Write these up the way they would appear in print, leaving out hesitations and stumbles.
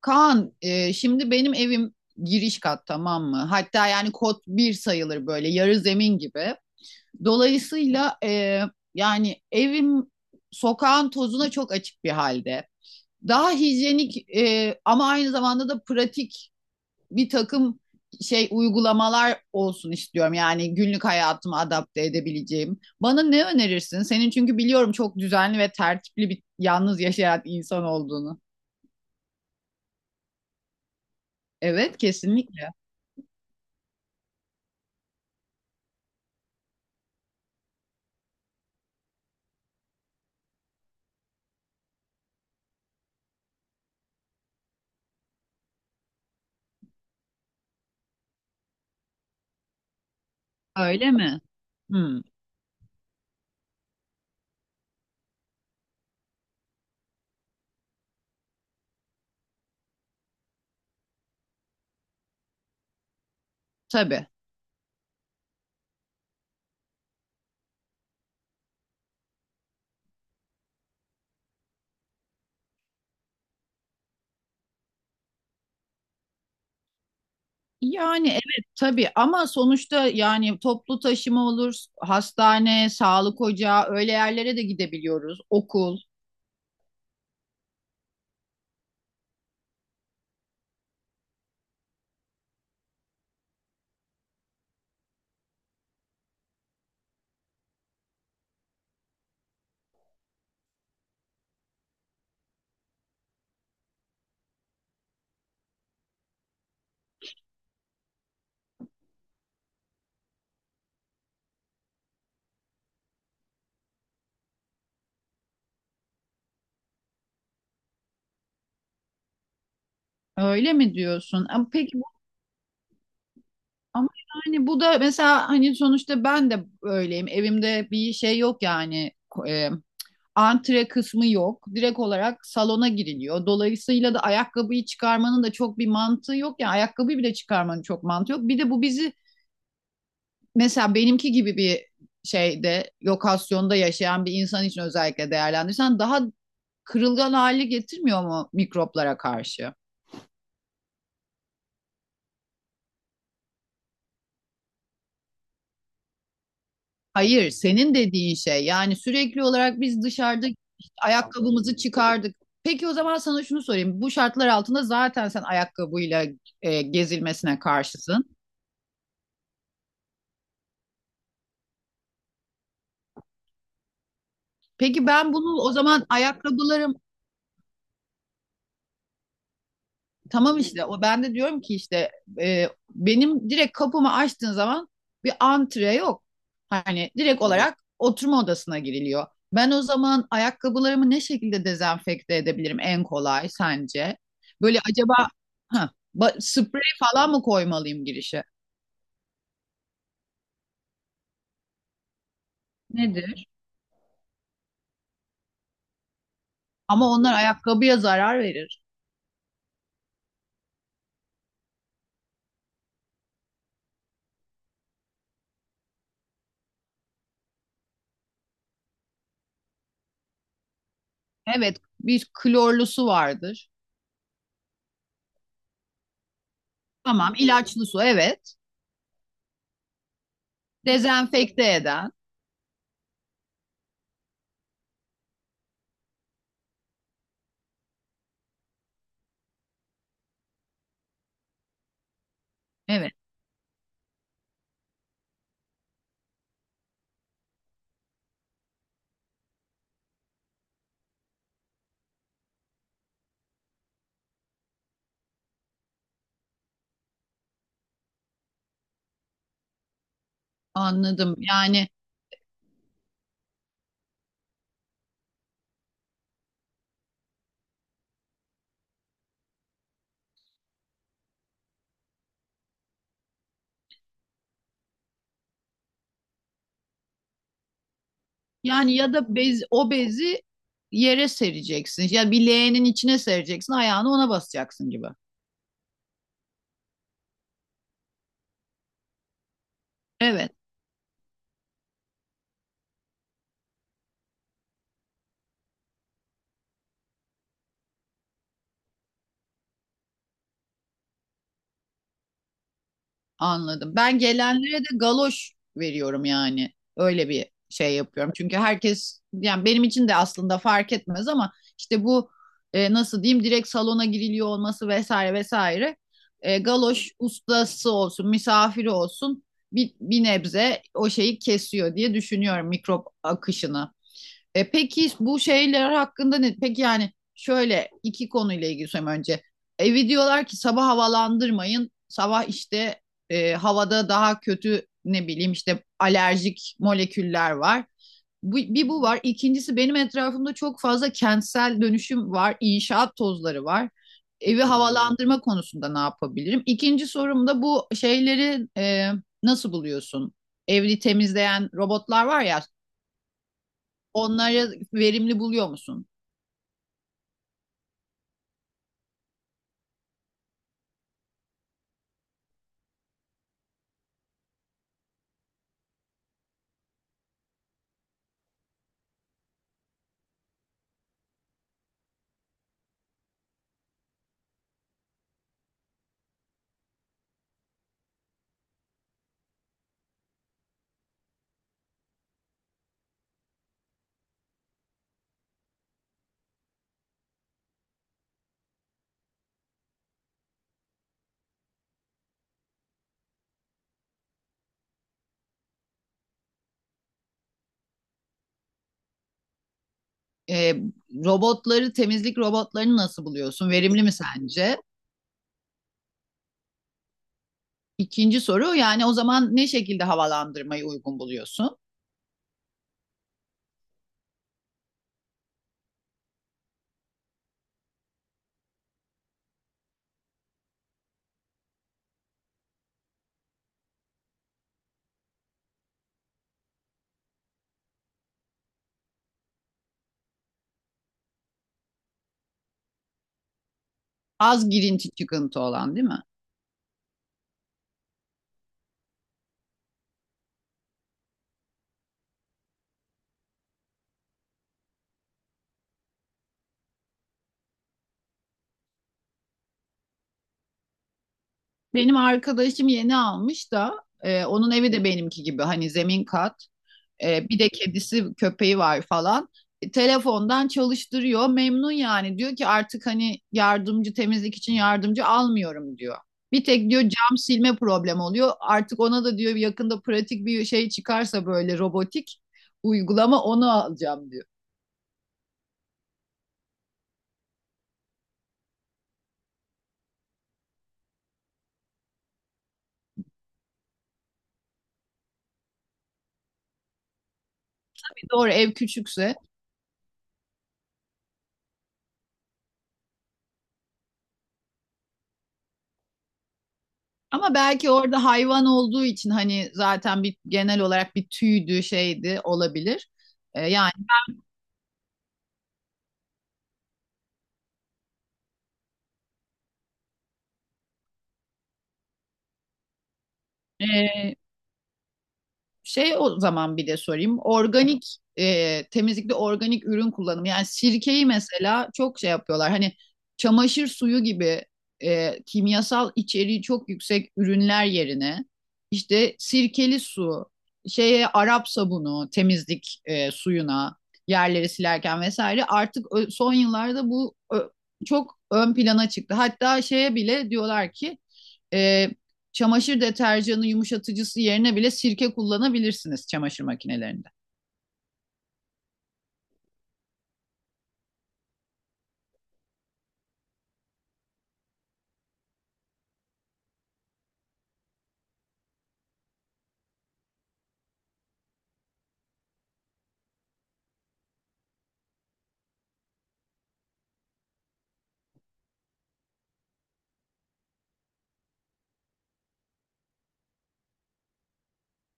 Kaan, şimdi benim evim giriş kat, tamam mı? Hatta yani kod bir sayılır, böyle yarı zemin gibi. Dolayısıyla yani evim sokağın tozuna çok açık bir halde. Daha hijyenik ama aynı zamanda da pratik bir takım şey uygulamalar olsun istiyorum. Yani günlük hayatıma adapte edebileceğim. Bana ne önerirsin? Senin çünkü biliyorum çok düzenli ve tertipli, bir yalnız yaşayan insan olduğunu. Evet, kesinlikle. Öyle mi? Hmm, tabii. Yani evet tabii, ama sonuçta yani toplu taşıma olur, hastane, sağlık ocağı, öyle yerlere de gidebiliyoruz, okul. Öyle mi diyorsun? Ama peki ama yani bu da mesela hani sonuçta ben de öyleyim. Evimde bir şey yok yani, e, antre kısmı yok. Direkt olarak salona giriliyor. Dolayısıyla da ayakkabıyı çıkarmanın da çok bir mantığı yok. Yani ayakkabıyı bile çıkarmanın çok mantığı yok. Bir de bu bizi, mesela benimki gibi bir şeyde, lokasyonda yaşayan bir insan için özellikle değerlendirirsen, daha kırılgan hali getirmiyor mu mikroplara karşı? Hayır, senin dediğin şey yani sürekli olarak biz dışarıda işte ayakkabımızı çıkardık. Peki o zaman sana şunu sorayım. Bu şartlar altında zaten sen ayakkabıyla gezilmesine karşısın. Peki ben bunu o zaman ayakkabılarım. Tamam işte o ben de diyorum ki işte e, benim direkt kapımı açtığın zaman bir antre yok. Hani direkt olarak oturma odasına giriliyor. Ben o zaman ayakkabılarımı ne şekilde dezenfekte edebilirim en kolay sence? Böyle acaba ha, sprey falan mı koymalıyım girişe? Nedir? Ama onlar ayakkabıya zarar verir. Evet, bir klorlu su vardır. Tamam, ilaçlı su evet. Dezenfekte eden. Evet, anladım. Yani. Yani ya da bez, o bezi yere sereceksin. Ya bir leğenin içine sereceksin. Ayağını ona basacaksın gibi. Evet, anladım. Ben gelenlere de galoş veriyorum yani. Öyle bir şey yapıyorum. Çünkü herkes, yani benim için de aslında fark etmez ama işte bu, nasıl diyeyim, direkt salona giriliyor olması vesaire vesaire. Galoş, ustası olsun, misafiri olsun, bir nebze o şeyi kesiyor diye düşünüyorum, mikrop akışını. Peki bu şeyler hakkında ne? Peki yani şöyle, iki konuyla ilgili söyleyeyim önce. Evi diyorlar ki sabah havalandırmayın. Sabah işte havada daha kötü, ne bileyim, işte alerjik moleküller var. Bu, bir bu var. İkincisi, benim etrafımda çok fazla kentsel dönüşüm var. İnşaat tozları var. Evi havalandırma konusunda ne yapabilirim? İkinci sorum da bu şeyleri nasıl buluyorsun? Evli temizleyen robotlar var ya, onları verimli buluyor musun? Ee, robotları, temizlik robotlarını nasıl buluyorsun? Verimli mi sence? İkinci soru yani, o zaman ne şekilde havalandırmayı uygun buluyorsun? Az girinti çıkıntı olan değil mi? Benim arkadaşım yeni almış da onun evi de benimki gibi, hani zemin kat. Bir de kedisi, köpeği var falan. Telefondan çalıştırıyor. Memnun yani. Diyor ki artık hani yardımcı, temizlik için yardımcı almıyorum diyor. Bir tek diyor cam silme problemi oluyor. Artık ona da diyor, yakında pratik bir şey çıkarsa böyle robotik uygulama, onu alacağım diyor. Doğru, ev küçükse ama belki orada hayvan olduğu için hani zaten bir genel olarak bir tüydü şeydi olabilir. Yani e, şey, o zaman bir de sorayım. Organik, temizlikte organik ürün kullanımı. Yani sirkeyi mesela çok şey yapıyorlar. Hani çamaşır suyu gibi kimyasal içeriği çok yüksek ürünler yerine işte sirkeli su, şeye Arap sabunu, temizlik suyuna yerleri silerken vesaire, artık son yıllarda bu çok ön plana çıktı. Hatta şeye bile diyorlar ki e, çamaşır deterjanı yumuşatıcısı yerine bile sirke kullanabilirsiniz, çamaşır makinelerinde.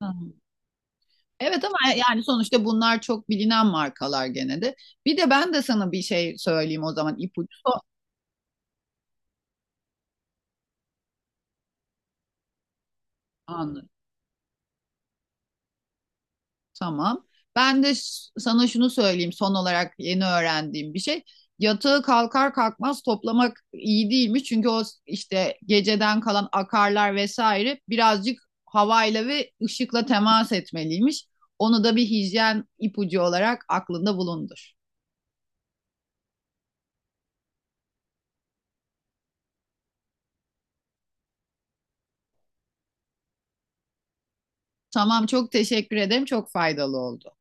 Hı. Hı. Evet ama yani sonuçta bunlar çok bilinen markalar gene de. Bir de ben de sana bir şey söyleyeyim o zaman, ipucu son anı. Tamam. Ben de sana şunu söyleyeyim son olarak, yeni öğrendiğim bir şey. Yatağı kalkar kalkmaz toplamak iyi değilmiş. Çünkü işte geceden kalan akarlar vesaire birazcık havayla ve ışıkla temas etmeliymiş. Onu da bir hijyen ipucu olarak aklında bulundur. Tamam, çok teşekkür ederim. Çok faydalı oldu.